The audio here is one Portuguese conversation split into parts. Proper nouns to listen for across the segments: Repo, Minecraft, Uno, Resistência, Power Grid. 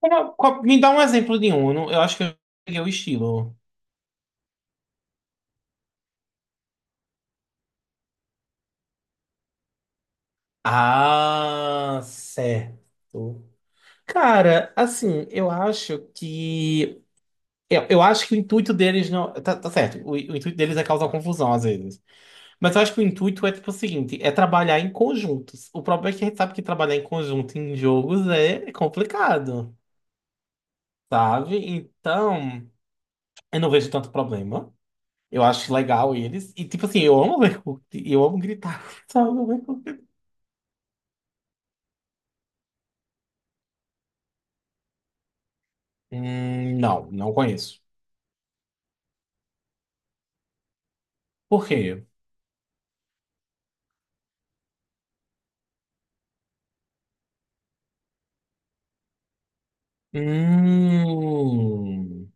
Me dá um exemplo de um. Eu não- eu acho que eu peguei o estilo. Ah, certo. Cara, assim, eu acho que. Eu acho que o intuito deles não. Tá certo, o intuito deles é causar confusão às vezes. Mas eu acho que o intuito é tipo o seguinte: é trabalhar em conjuntos. O problema é que a gente sabe que trabalhar em conjunto em jogos é complicado, sabe? Então, eu não vejo tanto problema. Eu acho legal eles. E, tipo assim, eu amo ver, eu amo gritar, sabe? Não, não conheço. Por quê? Hum.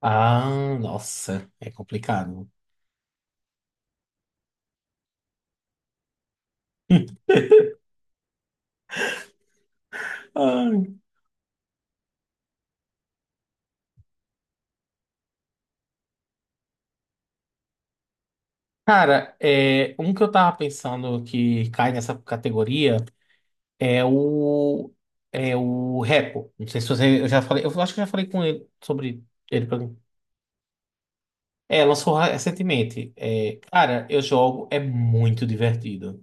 Ah, nossa, é complicado. Ai. Cara, um que eu tava pensando que cai nessa categoria é o é o Repo. Não sei se você, eu já falei, eu acho que eu já falei com ele sobre ele. Pra mim. É, lançou recentemente. É, cara, eu jogo, é muito divertido.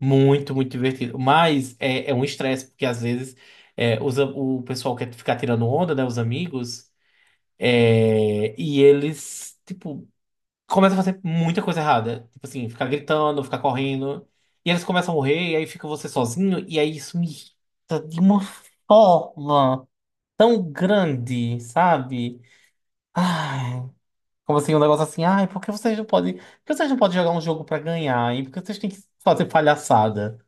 Muito, muito divertido. Mas é um estresse, porque às vezes o pessoal quer ficar tirando onda, né? Os amigos, e eles, tipo, começam a fazer muita coisa errada. Tipo assim, ficar gritando, ficar correndo. E eles começam a morrer, e aí fica você sozinho, e aí isso me irrita de uma forma tão grande, sabe? Ai, como assim, um negócio assim, ai, por que vocês não podem. Por que vocês não podem jogar um jogo pra ganhar? E por que vocês têm que fazer palhaçada?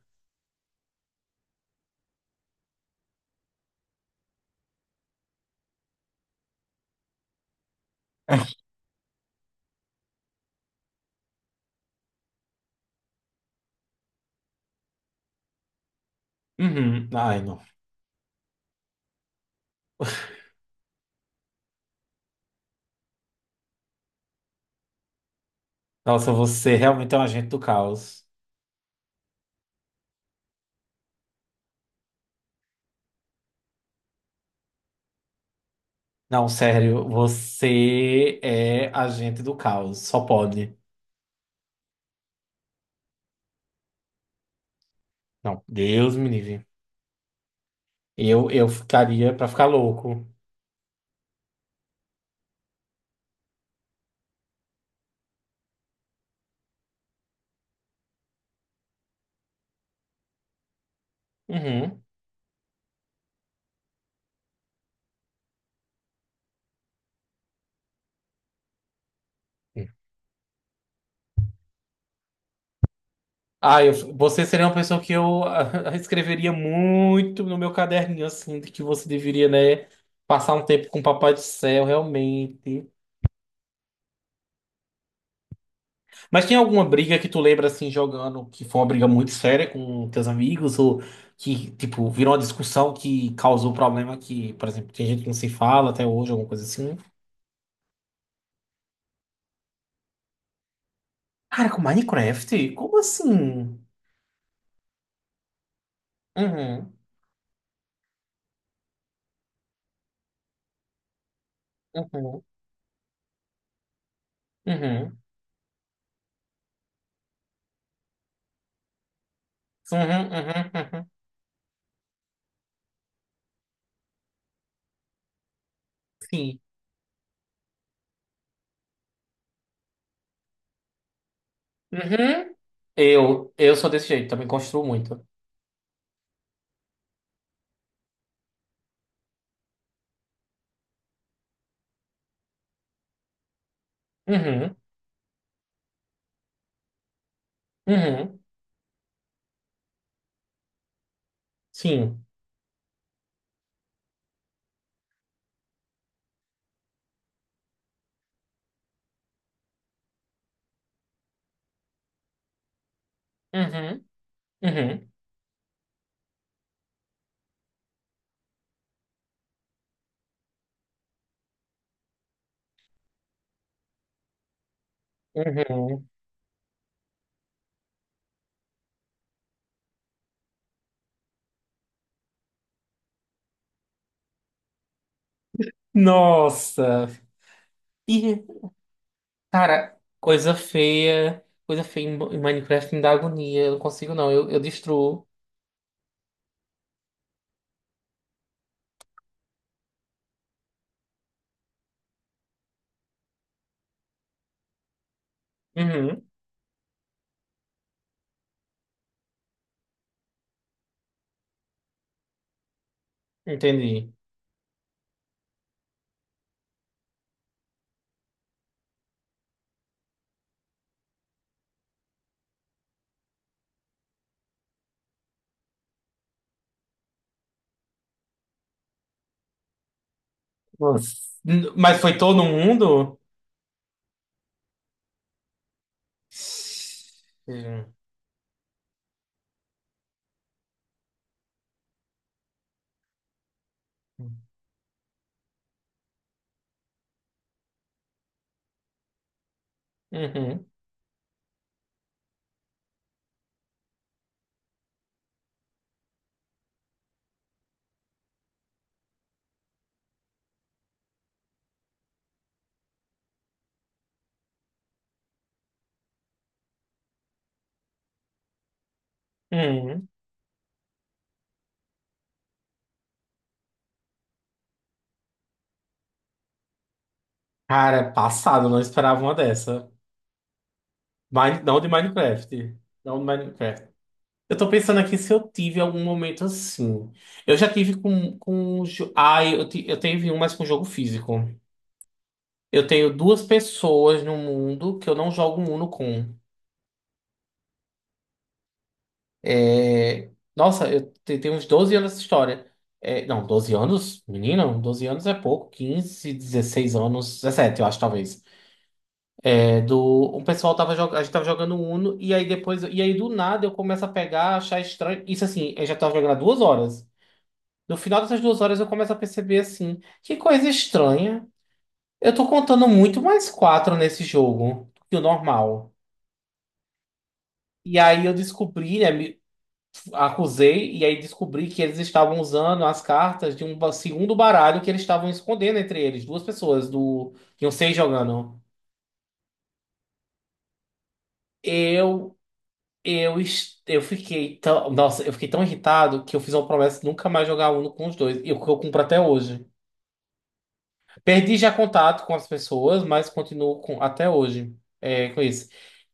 Uhum. Ai, não. Nossa, você realmente é um agente do caos. Não, sério, você é agente do caos, só pode. Não, Deus me livre. Eu ficaria pra ficar louco. Uhum. Ah, você seria uma pessoa que eu escreveria muito no meu caderninho, assim, de que você deveria, né, passar um tempo com o Papai do Céu, realmente. Mas tem alguma briga que tu lembra assim jogando que foi uma briga muito séria com teus amigos ou que tipo virou uma discussão que causou problema que, por exemplo, tem gente que não se fala até hoje, alguma coisa assim? Cara, com Minecraft? Como assim? Uhum, uhum, uhum, uhum, uhum, uhum. Sim. Uhum. Eu sou desse jeito, também construo muito. Uhum, uhum, sim. Uhum, uhum, uhum. Nossa. E cara, coisa feia. Coisa feia em Minecraft me dá agonia. Eu não consigo, não. Eu destruo. Uhum, entendi. Nossa. Mas foi todo mundo? Uhum. Uhum. Uhum. Cara, passado, não esperava uma dessa. Não de Minecraft. Não de Minecraft. Eu tô pensando aqui se eu tive algum momento assim. Eu já tive com, Ah, eu tive um, mas com jogo físico. Eu tenho duas pessoas no mundo que eu não jogo Uno com. É, nossa, eu tenho uns 12 anos essa história. É, não, 12 anos? Menino, 12 anos é pouco. 15, 16 anos, 17, eu acho, talvez. É, o pessoal tava jogando, a gente tava jogando Uno, e aí depois, e aí do nada eu começo a pegar, achar estranho. Isso assim, eu já tava jogando há 2 horas. No final dessas 2 horas eu começo a perceber assim, que coisa estranha. Eu tô contando muito mais quatro nesse jogo do que o normal. E aí eu descobri, né? Acusei e aí descobri que eles estavam usando as cartas de um segundo baralho que eles estavam escondendo entre eles, duas pessoas do iam seis jogando. Eu eu fiquei tão, nossa, eu fiquei tão irritado que eu fiz uma promessa de nunca mais jogar Uno com os dois, e o que eu cumpro até hoje. Perdi já contato com as pessoas, mas continuo com até hoje é, com isso.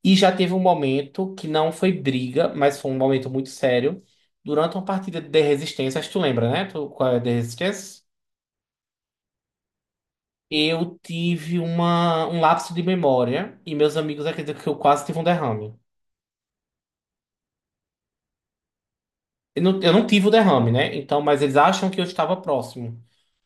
E já teve um momento que não foi briga, mas foi um momento muito sério. Durante uma partida de Resistência, acho que tu lembra, né? Tu, qual é a de Resistência? Eu tive um lapso de memória e meus amigos acreditam que eu quase tive um derrame. Eu não tive o derrame, né? Então, mas eles acham que eu estava próximo.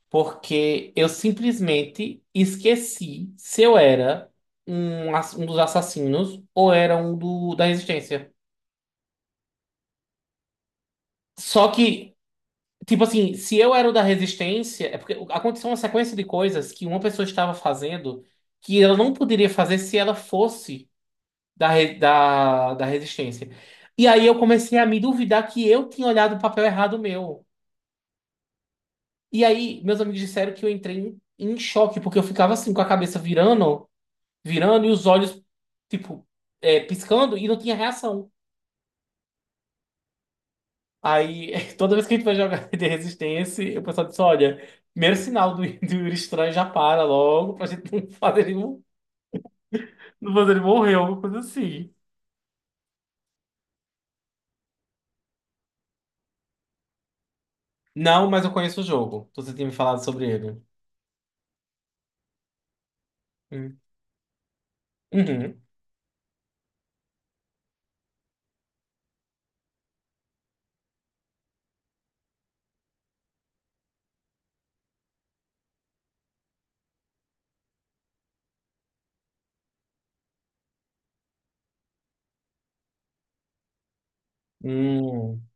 Porque eu simplesmente esqueci se eu era um dos assassinos ou era da Resistência. Só que, tipo assim, se eu era o da Resistência, é porque aconteceu uma sequência de coisas que uma pessoa estava fazendo que ela não poderia fazer se ela fosse. Da Resistência. E aí eu comecei a me duvidar que eu tinha olhado o papel errado meu. E aí meus amigos disseram que eu entrei em choque, porque eu ficava assim com a cabeça virando, virando e os olhos, tipo, piscando e não tinha reação. Aí toda vez que a gente vai jogar de Resistência, o pessoal disse: olha. Primeiro sinal do Yuri Estranho já para logo pra gente não fazer ele, não fazer ele morrer, alguma coisa assim. Não, mas eu conheço o jogo. Você tinha me falado sobre ele. Hum. Uhum. Hum.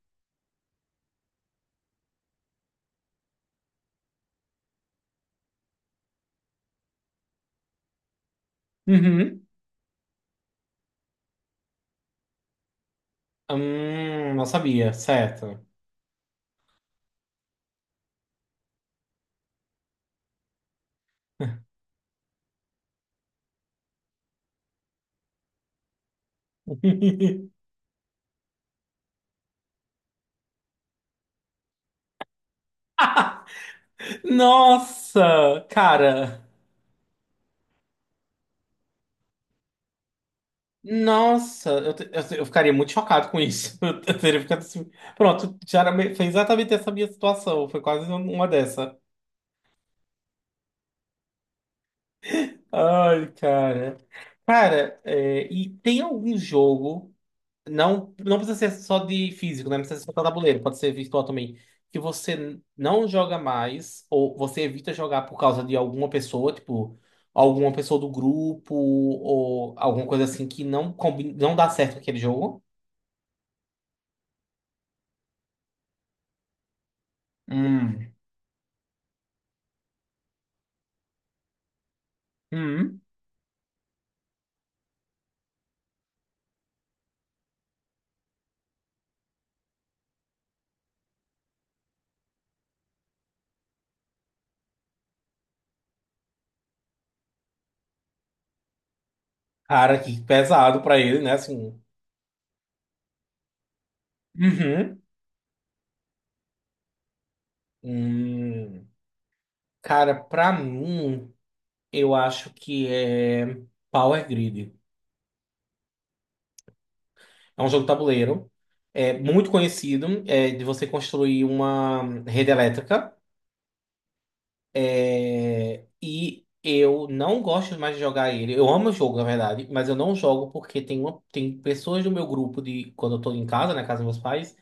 Uhum. Não sabia, certo. Nossa, cara. Nossa, eu ficaria muito chocado com isso. Eu, teria ficado assim. Pronto, já era foi exatamente essa minha situação. Foi quase uma dessa. Ai, cara. Cara, é, e tem algum jogo. Não, não precisa ser só de físico, né? Não precisa ser só tabuleiro, pode ser virtual também. Que você não joga mais, ou você evita jogar por causa de alguma pessoa, tipo, alguma pessoa do grupo, ou alguma coisa assim que não, combina, não dá certo com aquele jogo. Hum. Hum. Cara, que pesado pra ele, né? Assim. Uhum. Hum. Cara, pra mim, eu acho que é Power Grid. É um jogo de tabuleiro. É muito conhecido, é de você construir uma rede elétrica. É, e eu não gosto mais de jogar ele. Eu amo o jogo, na verdade, mas eu não jogo porque tem, uma, tem pessoas do meu grupo de quando eu tô em casa, na casa dos meus pais,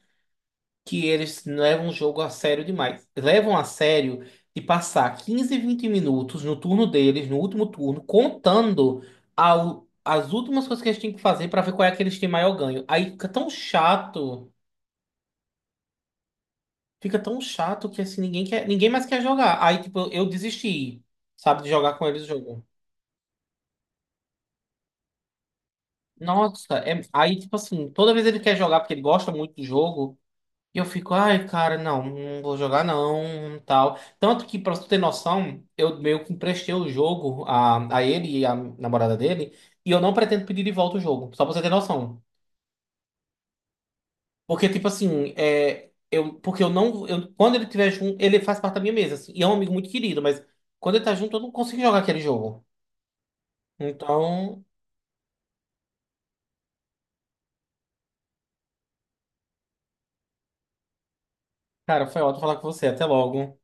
que eles levam o jogo a sério demais. Levam a sério de passar 15, 20 minutos no turno deles, no último turno, contando as últimas coisas que eles têm que fazer pra ver qual é que eles têm maior ganho. Aí fica tão chato. Fica tão chato que assim, ninguém quer, ninguém mais quer jogar. Aí, tipo, eu desisti, sabe, de jogar com eles o jogo. Nossa, é- aí, tipo assim, toda vez ele quer jogar porque ele gosta muito do jogo, e eu fico, ai, cara, não, não vou jogar não, tal. Tanto que, pra tu ter noção, eu meio que emprestei o jogo a ele e a namorada dele, e eu não pretendo pedir de volta o jogo, só pra você ter noção. Porque, tipo assim, é, eu, porque eu não, eu, quando ele tiver junto, ele faz parte da minha mesa, assim, e é um amigo muito querido, mas quando ele tá junto, eu não consigo jogar aquele jogo. Então, cara, foi ótimo falar com você. Até logo.